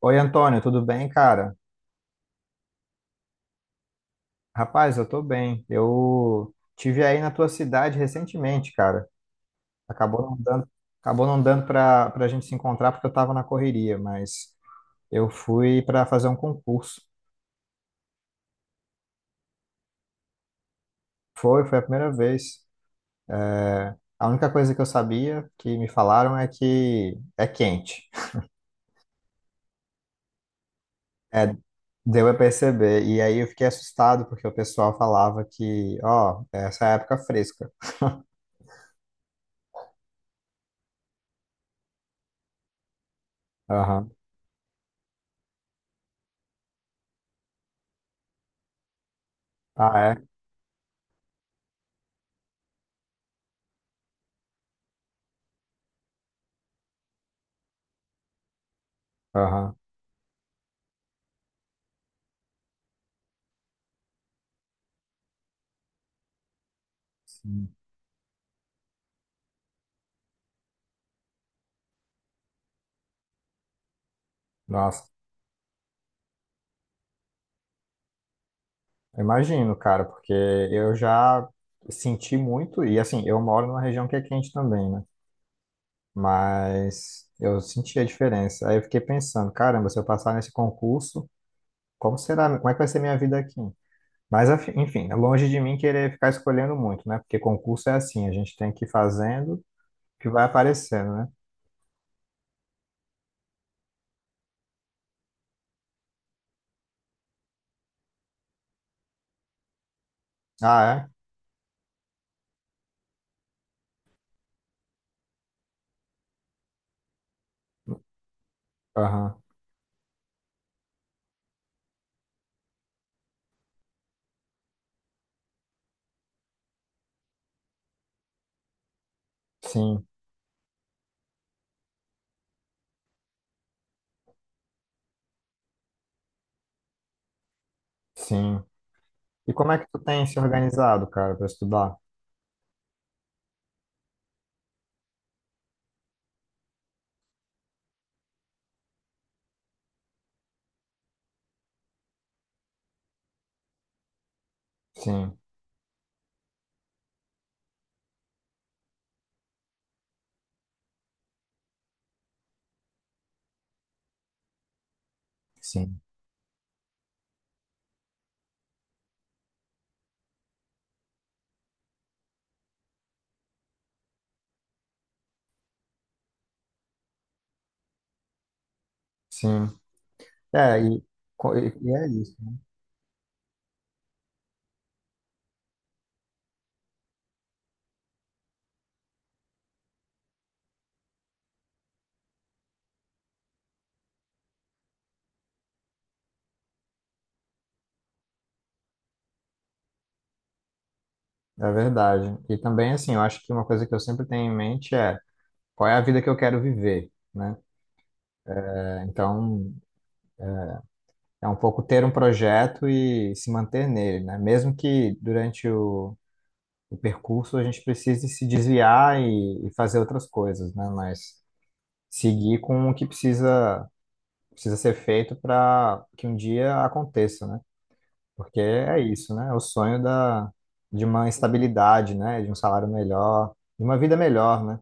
Oi, Antônio, tudo bem, cara? Rapaz, eu tô bem. Eu tive aí na tua cidade recentemente, cara. Acabou não dando, acabou não dando pra gente se encontrar porque eu tava na correria, mas eu fui pra fazer um concurso. Foi a primeira vez. A única coisa que eu sabia que me falaram é que é quente. É, deu a perceber. E aí eu fiquei assustado, porque o pessoal falava que, ó, essa é a época fresca. Aham. Ah, é? Aham. Sim. Nossa. Imagino, cara, porque eu já senti muito, e assim, eu moro numa região que é quente também, né? Mas eu senti a diferença. Aí eu fiquei pensando, caramba, se eu passar nesse concurso, como será, como é que vai ser minha vida aqui? Mas enfim, é longe de mim querer ficar escolhendo muito, né? Porque concurso é assim, a gente tem que ir fazendo o que vai aparecendo, né? Ah, é? Aham. Sim, sim. E como é que tu tem se organizado, cara, para estudar? Sim, sim, sim. É, e, e é isso. É verdade. E também, assim, eu acho que uma coisa que eu sempre tenho em mente é qual é a vida que eu quero viver, né? É, então, é um pouco ter um projeto e se manter nele, né? Mesmo que durante o percurso a gente precise se desviar e fazer outras coisas, né? Mas seguir com o que precisa, precisa ser feito para que um dia aconteça, né? Porque é isso, né? É o sonho da, de uma estabilidade, né? De um salário melhor, de uma vida melhor, né?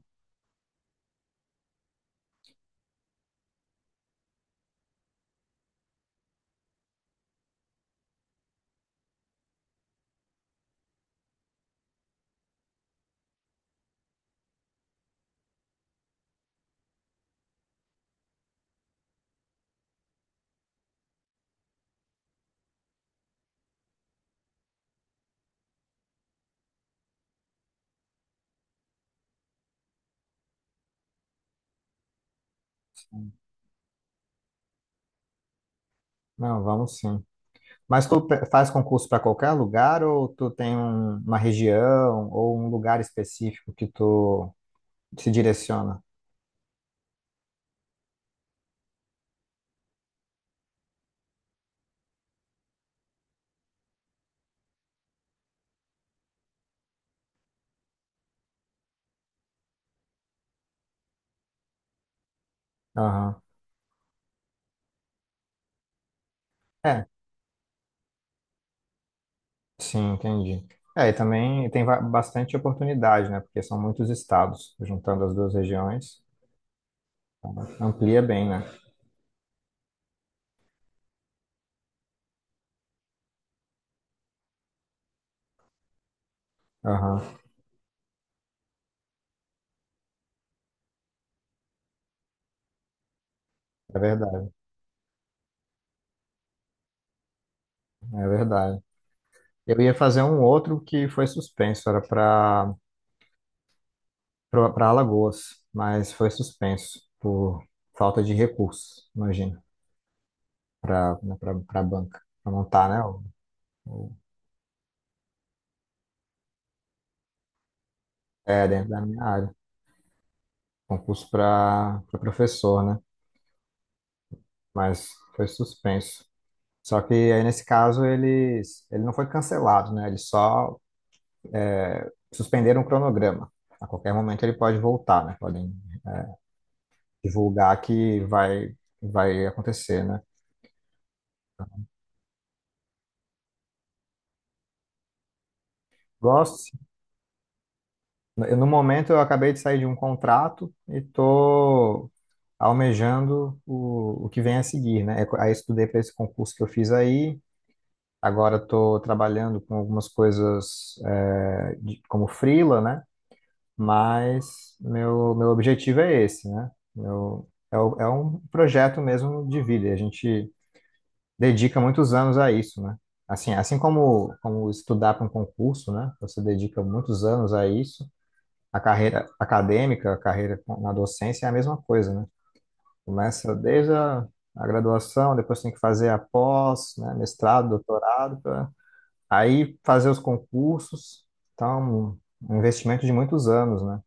Então, não, vamos sim. Mas tu faz concurso para qualquer lugar ou tu tem uma região ou um lugar específico que tu se direciona? Aham. É, sim, entendi. É, e também tem bastante oportunidade, né? Porque são muitos estados, juntando as duas regiões, amplia bem, né? Aham. É verdade, é verdade. Eu ia fazer um outro que foi suspenso, era para Alagoas, mas foi suspenso por falta de recursos, imagina. para para banca, para montar, né? O- é, dentro da minha área. Concurso para professor, né? Mas foi suspenso. Só que aí, nesse caso, ele não foi cancelado, né? Eles só suspenderam o cronograma. A qualquer momento ele pode voltar, né? Podem divulgar que vai acontecer, né? Gosto. Sim. Eu, no momento, eu acabei de sair de um contrato e tô almejando o que vem a seguir, né? É, aí eu estudei para esse concurso que eu fiz aí. Agora estou trabalhando com algumas coisas é, como freela, né? Mas meu objetivo é esse, né? Meu, é, é um projeto mesmo de vida. E a gente dedica muitos anos a isso, né? Assim, assim como, como estudar para um concurso, né? Você dedica muitos anos a isso. A carreira acadêmica, a carreira na docência é a mesma coisa, né? Começa desde a graduação, depois tem que fazer a pós, né? Mestrado, doutorado, aí fazer os concursos, tá um investimento de muitos anos, né?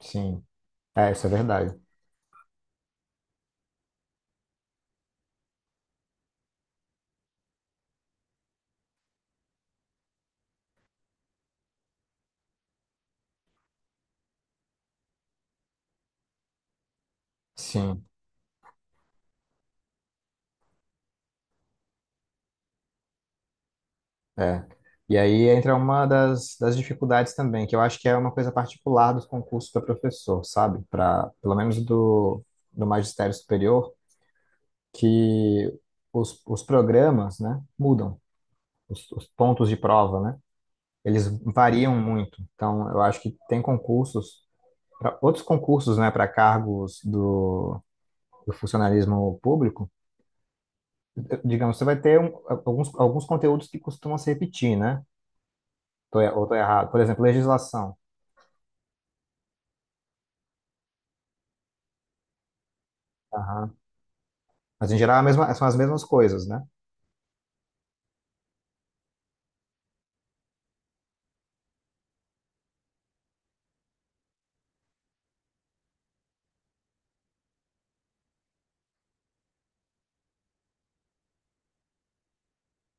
Sim, é, isso é verdade. Sim, é. E aí entra uma das dificuldades também, que eu acho que é uma coisa particular dos concursos para professor, sabe? Para, pelo menos do magistério superior, que os programas, né, mudam, os pontos de prova, né? Eles variam muito. Então, eu acho que tem concursos, pra, outros concursos, né, para cargos do funcionalismo público, digamos, você vai ter um, alguns conteúdos que costumam se repetir, né? Ou estou errado. Por exemplo, legislação. Aham. Mas em geral é a mesma- são as mesmas coisas, né?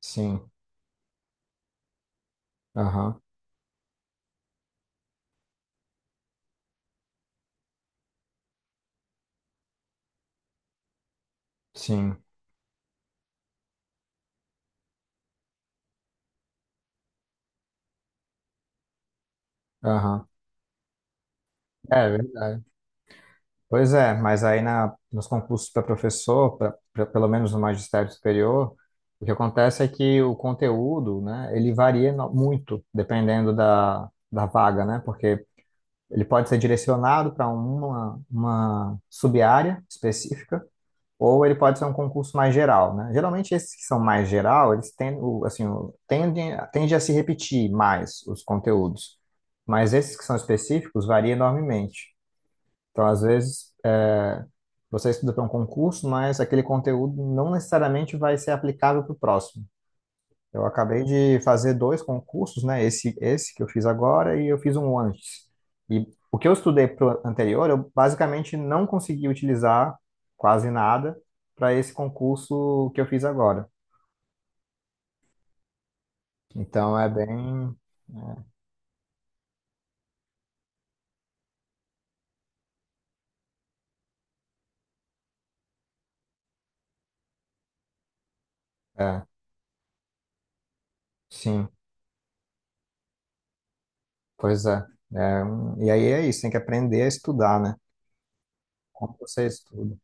Sim. Aham. Sim. Aham. É verdade. Pois é, mas aí na, nos concursos para professor, pra, pelo menos no magistério superior, o que acontece é que o conteúdo, né, ele varia muito dependendo da vaga, né? Porque ele pode ser direcionado para uma sub-área específica, ou ele pode ser um concurso mais geral, né? Geralmente esses que são mais geral, eles tendem, assim, tendem, a se repetir mais os conteúdos, mas esses que são específicos variam enormemente. Então, às vezes, é, você estuda para um concurso, mas aquele conteúdo não necessariamente vai ser aplicável para o próximo. Eu acabei de fazer dois concursos, né? Esse que eu fiz agora e eu fiz um antes. E o que eu estudei pro anterior, eu basicamente não consegui utilizar quase nada para esse concurso que eu fiz agora. Então é bem, é, sim, pois é. E aí é isso, tem que aprender a estudar, né? Como você estuda,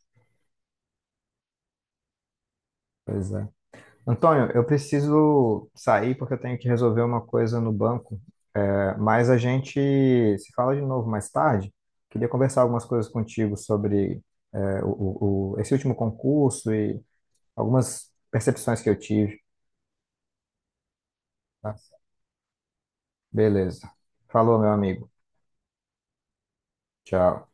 pois é. Antônio, eu preciso sair porque eu tenho que resolver uma coisa no banco. Mas a gente se fala de novo mais tarde. Queria conversar algumas coisas contigo sobre esse último concurso e algumas percepções que eu tive, tá? Beleza. Falou, meu amigo. Tchau.